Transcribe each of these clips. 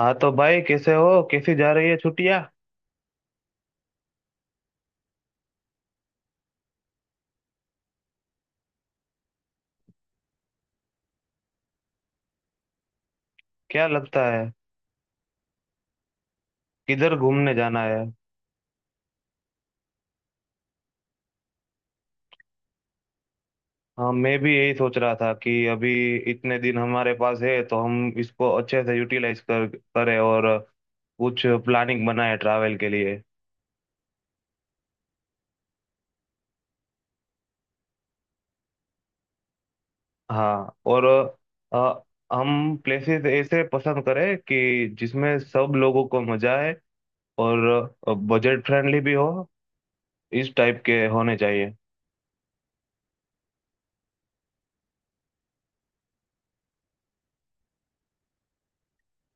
हाँ तो भाई, कैसे हो? कैसी जा रही है छुट्टियाँ? क्या लगता है? किधर घूमने जाना है? हाँ, मैं भी यही सोच रहा था कि अभी इतने दिन हमारे पास है तो हम इसको अच्छे से यूटिलाइज कर करें और कुछ प्लानिंग बनाए ट्रैवल के लिए। हाँ। और अ, हम प्लेसेस ऐसे पसंद करें कि जिसमें सब लोगों को मजा आए और बजट फ्रेंडली भी हो। इस टाइप के होने चाहिए।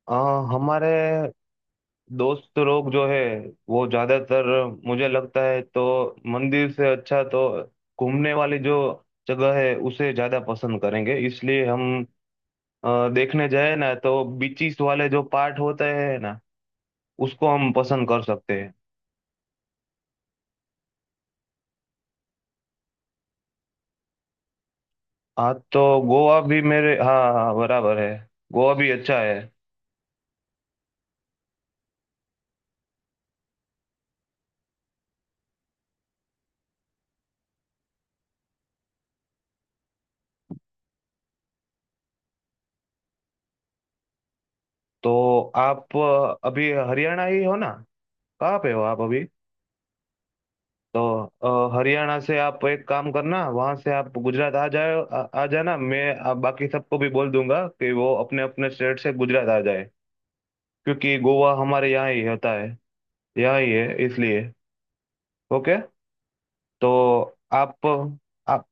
अ, हमारे दोस्त लोग जो है वो ज्यादातर, मुझे लगता है तो, मंदिर से अच्छा तो घूमने वाली जो जगह है उसे ज्यादा पसंद करेंगे। इसलिए हम देखने जाए ना तो बीचीस वाले जो पार्ट होते हैं ना, उसको हम पसंद कर सकते हैं। हाँ, तो गोवा भी मेरे, हाँ हाँ, बराबर है। गोवा भी अच्छा है। तो आप अभी हरियाणा ही हो ना? कहाँ पे हो आप अभी? तो हरियाणा से आप एक काम करना, वहां से आप गुजरात आ जाए। आ जाना। मैं बाकी सबको भी बोल दूंगा कि वो अपने अपने स्टेट से गुजरात आ जाए। क्योंकि गोवा हमारे यहाँ ही होता है, यहाँ ही है इसलिए। ओके। तो आप आप।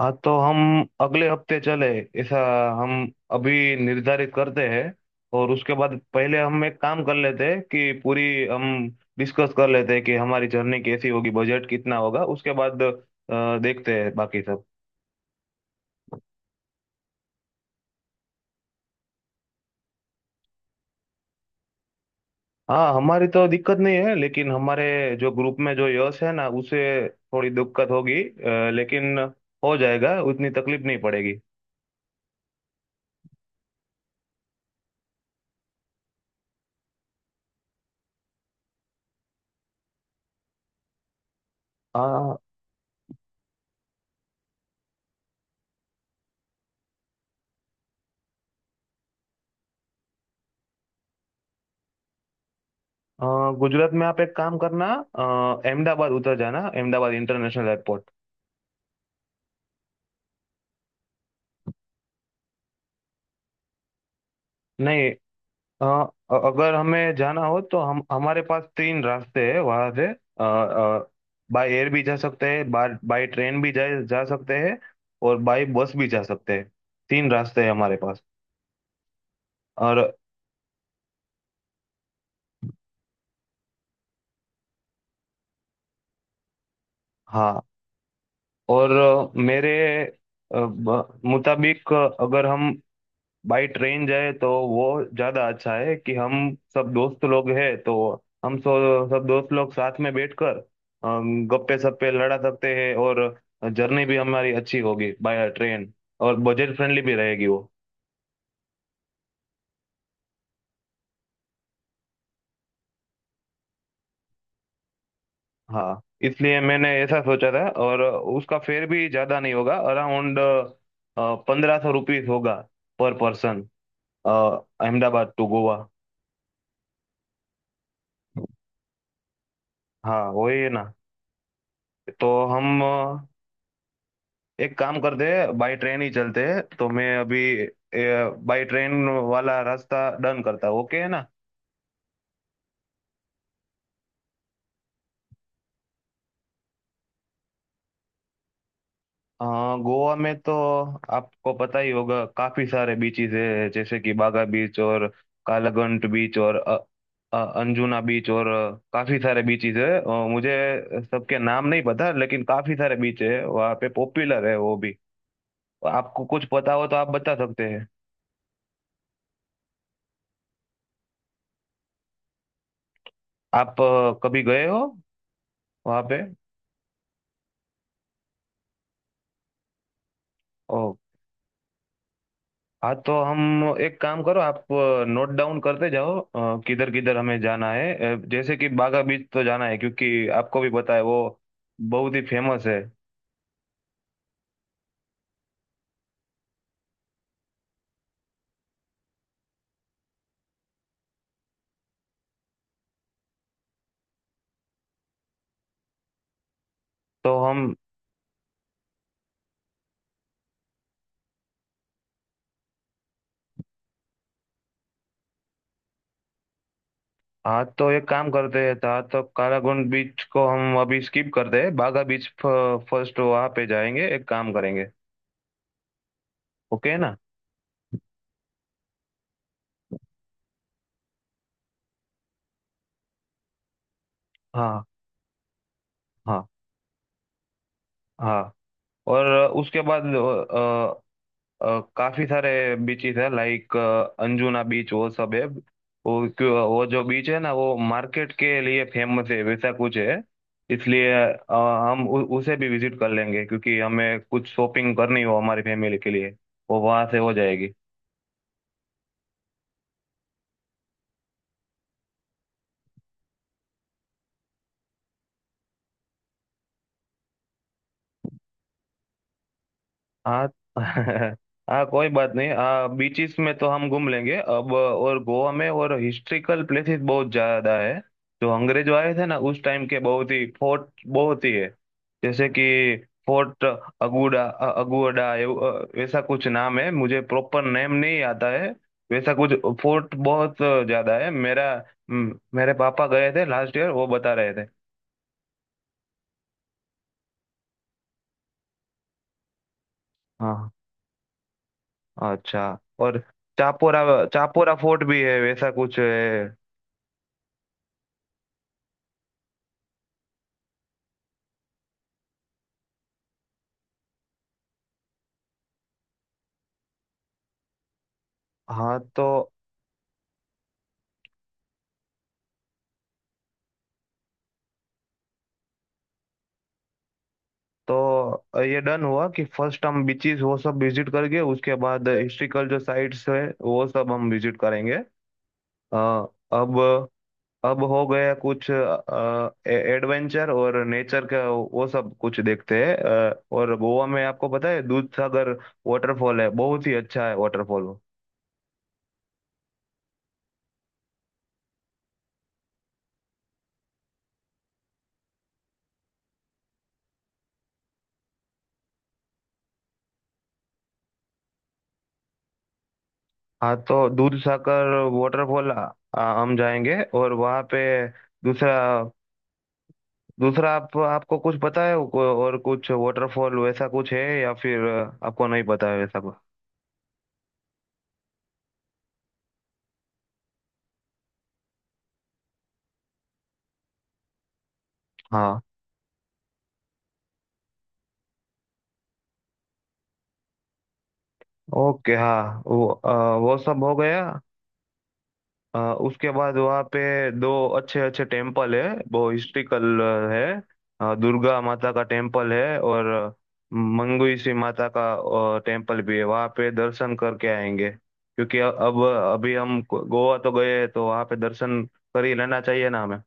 हाँ, तो हम अगले हफ्ते चले, ऐसा हम अभी निर्धारित करते हैं। और उसके बाद पहले हम एक काम कर लेते हैं कि पूरी, हम डिस्कस कर लेते हैं कि हमारी जर्नी कैसी होगी, बजट कितना होगा। उसके बाद देखते हैं बाकी सब। हाँ, हमारी तो दिक्कत नहीं है। लेकिन हमारे जो ग्रुप में जो यश है ना, उसे थोड़ी दिक्कत होगी, लेकिन हो जाएगा, उतनी तकलीफ नहीं पड़ेगी। हाँ। अ, गुजरात में आप एक काम करना। अ, अहमदाबाद उतर जाना, अहमदाबाद इंटरनेशनल एयरपोर्ट। नहीं। अगर हमें जाना हो तो हम हमारे पास तीन रास्ते हैं वहां से। बाय एयर भी जा सकते हैं, बाय बाय ट्रेन भी जा जा सकते हैं, और बाय बस भी जा सकते हैं। तीन रास्ते हैं हमारे पास। और हाँ, और मेरे मुताबिक अगर हम बाई ट्रेन जाए तो वो ज्यादा अच्छा है कि हम सब दोस्त लोग हैं, तो हम सब दोस्त लोग साथ में बैठकर गप्पे सप्पे लड़ा सकते हैं, और जर्नी भी हमारी अच्छी होगी बाय ट्रेन। और बजट फ्रेंडली भी रहेगी वो। हाँ। इसलिए मैंने ऐसा सोचा था, और उसका फेयर भी ज्यादा नहीं होगा, अराउंड 1500 रुपीज होगा per person. Ahmedabad to Goa. हाँ, वही है ना? तो हम एक काम करते हैं, बाई ट्रेन ही चलते हैं। तो मैं अभी बाई ट्रेन वाला रास्ता डन करता हूँ, ओके है ना? अ, गोवा में तो आपको पता ही होगा, काफी सारे बीचेस है। जैसे कि बागा बीच और कालागंट बीच और अंजुना बीच और काफी सारे बीचेस है। मुझे सबके नाम नहीं पता लेकिन काफी सारे बीच है वहाँ पे, पॉपुलर है वो भी। आपको कुछ पता हो तो आप बता सकते हैं। आप कभी गए हो वहाँ पे? हाँ। तो हम एक काम करो, आप नोट डाउन करते जाओ किधर किधर हमें जाना है। जैसे कि बागा बीच तो जाना है, क्योंकि आपको भी पता है वो बहुत ही फेमस है। तो हम। हाँ। तो एक काम करते हैं था, तो कालागुंड बीच को हम अभी स्किप करते हैं, बागा बीच फर्स्ट वहाँ पे जाएंगे, एक काम करेंगे। ओके ना? हाँ हाँ हाँ। और उसके बाद काफी सारे बीचेस है लाइक अंजुना बीच, वो सब है। वो वो जो बीच है ना, वो मार्केट के लिए फेमस है वैसा कुछ है। इसलिए हम उसे भी विजिट कर लेंगे, क्योंकि हमें कुछ शॉपिंग करनी हो हमारी फैमिली के लिए वो वहां से हो जाएगी। हाँ। हाँ, कोई बात नहीं। आ बीचेस में तो हम घूम लेंगे अब। और गोवा में और हिस्ट्रिकल प्लेसेस बहुत ज्यादा है, जो अंग्रेज आए थे ना उस टाइम के, बहुत ही फोर्ट बहुत ही है। जैसे कि फोर्ट अगुडा, अगुडा वैसा कुछ नाम है, मुझे प्रॉपर नेम नहीं आता है। वैसा कुछ फोर्ट बहुत ज्यादा है। मेरा मेरे पापा गए थे लास्ट ईयर, वो बता रहे थे। हाँ, अच्छा। और चापोरा चापोरा फोर्ट भी है वैसा कुछ है। हाँ। तो ये डन हुआ कि फर्स्ट हम बीचेस वो सब विजिट करके, उसके बाद हिस्ट्रिकल जो साइट्स है वो सब हम विजिट करेंगे। अ, अब अब हो गया, कुछ एडवेंचर और नेचर का वो सब कुछ देखते हैं। और गोवा में आपको पता है दूध सागर वाटरफॉल है, बहुत ही अच्छा है वाटरफॉल वो। हाँ। तो दूध सागर वाटरफॉल हम जाएंगे। और वहाँ पे दूसरा दूसरा आप आपको कुछ पता है, और कुछ वाटरफॉल वैसा कुछ है, या फिर आपको नहीं पता है वैसा कुछ? हाँ, ओके। हाँ, वो वो सब हो गया। उसके बाद वहाँ पे दो अच्छे अच्छे टेम्पल है, वो हिस्ट्रिकल है। दुर्गा माता का टेम्पल है और मंगुइसी माता का टेम्पल भी है, वहाँ पे दर्शन करके आएंगे। क्योंकि अब अभी हम गोवा तो गए तो वहाँ पे दर्शन कर ही लेना चाहिए ना हमें।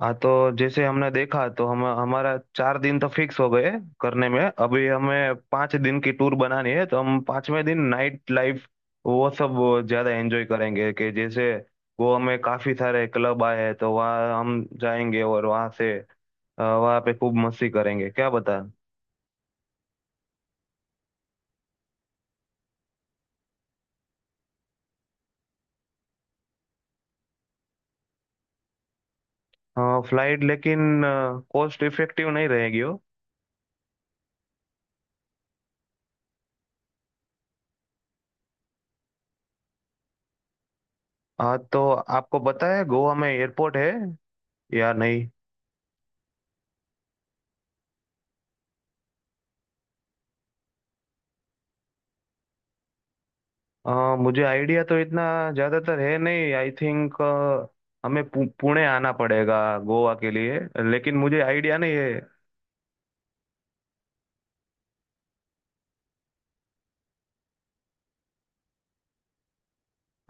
हाँ। तो जैसे हमने देखा तो हम हमारा 4 दिन तो फिक्स हो गए करने में। अभी हमें 5 दिन की टूर बनानी है, तो हम 5वें दिन नाइट लाइफ वो सब ज्यादा एंजॉय करेंगे। कि जैसे वो, हमें काफी सारे क्लब आए हैं, तो वहाँ हम जाएंगे और वहाँ से वहाँ पे खूब मस्ती करेंगे क्या बता। फ्लाइट लेकिन कॉस्ट इफेक्टिव नहीं रहेगी वो। हाँ। तो आपको पता है गोवा में एयरपोर्ट है या नहीं? अ, मुझे आइडिया तो इतना ज्यादातर है नहीं, आई थिंक हमें पुणे आना पड़ेगा गोवा के लिए, लेकिन मुझे आइडिया नहीं है।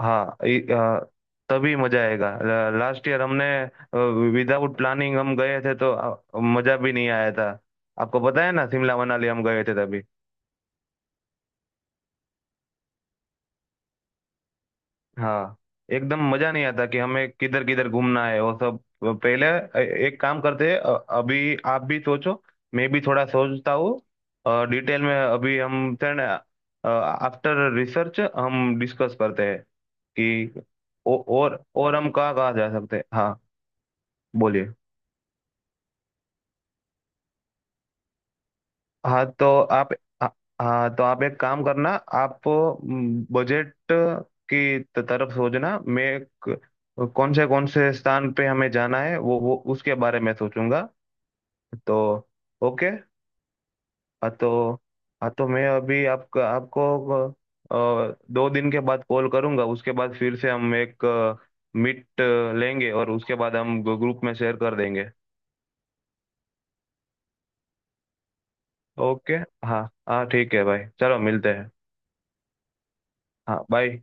हाँ। तभी मजा आएगा। लास्ट ईयर हमने विदाउट प्लानिंग हम गए थे तो मजा भी नहीं आया था। आपको पता है ना, शिमला मनाली हम गए थे तभी। हाँ, एकदम मजा नहीं आता कि हमें किधर किधर घूमना है वो सब। पहले एक काम करते हैं, अभी आप भी सोचो, मैं भी थोड़ा सोचता हूँ। और डिटेल में अभी हम आफ्टर रिसर्च हम डिस्कस करते हैं कि और हम कहाँ कहाँ जा सकते हैं। हाँ, बोलिए। हाँ, तो आप आ- हाँ तो आप एक काम करना। आप बजट की तरफ सोचना। मैं क- कौन से स्थान पे हमें जाना है वो उसके बारे में सोचूंगा तो। ओके। हाँ तो हाँ तो मैं अभी आपको आपको 2 दिन के बाद कॉल करूंगा। उसके बाद फिर से हम एक मीट लेंगे, और उसके बाद हम ग्रुप में शेयर कर देंगे। ओके। हाँ। हाँ, ठीक है भाई, चलो मिलते हैं। हाँ, बाय।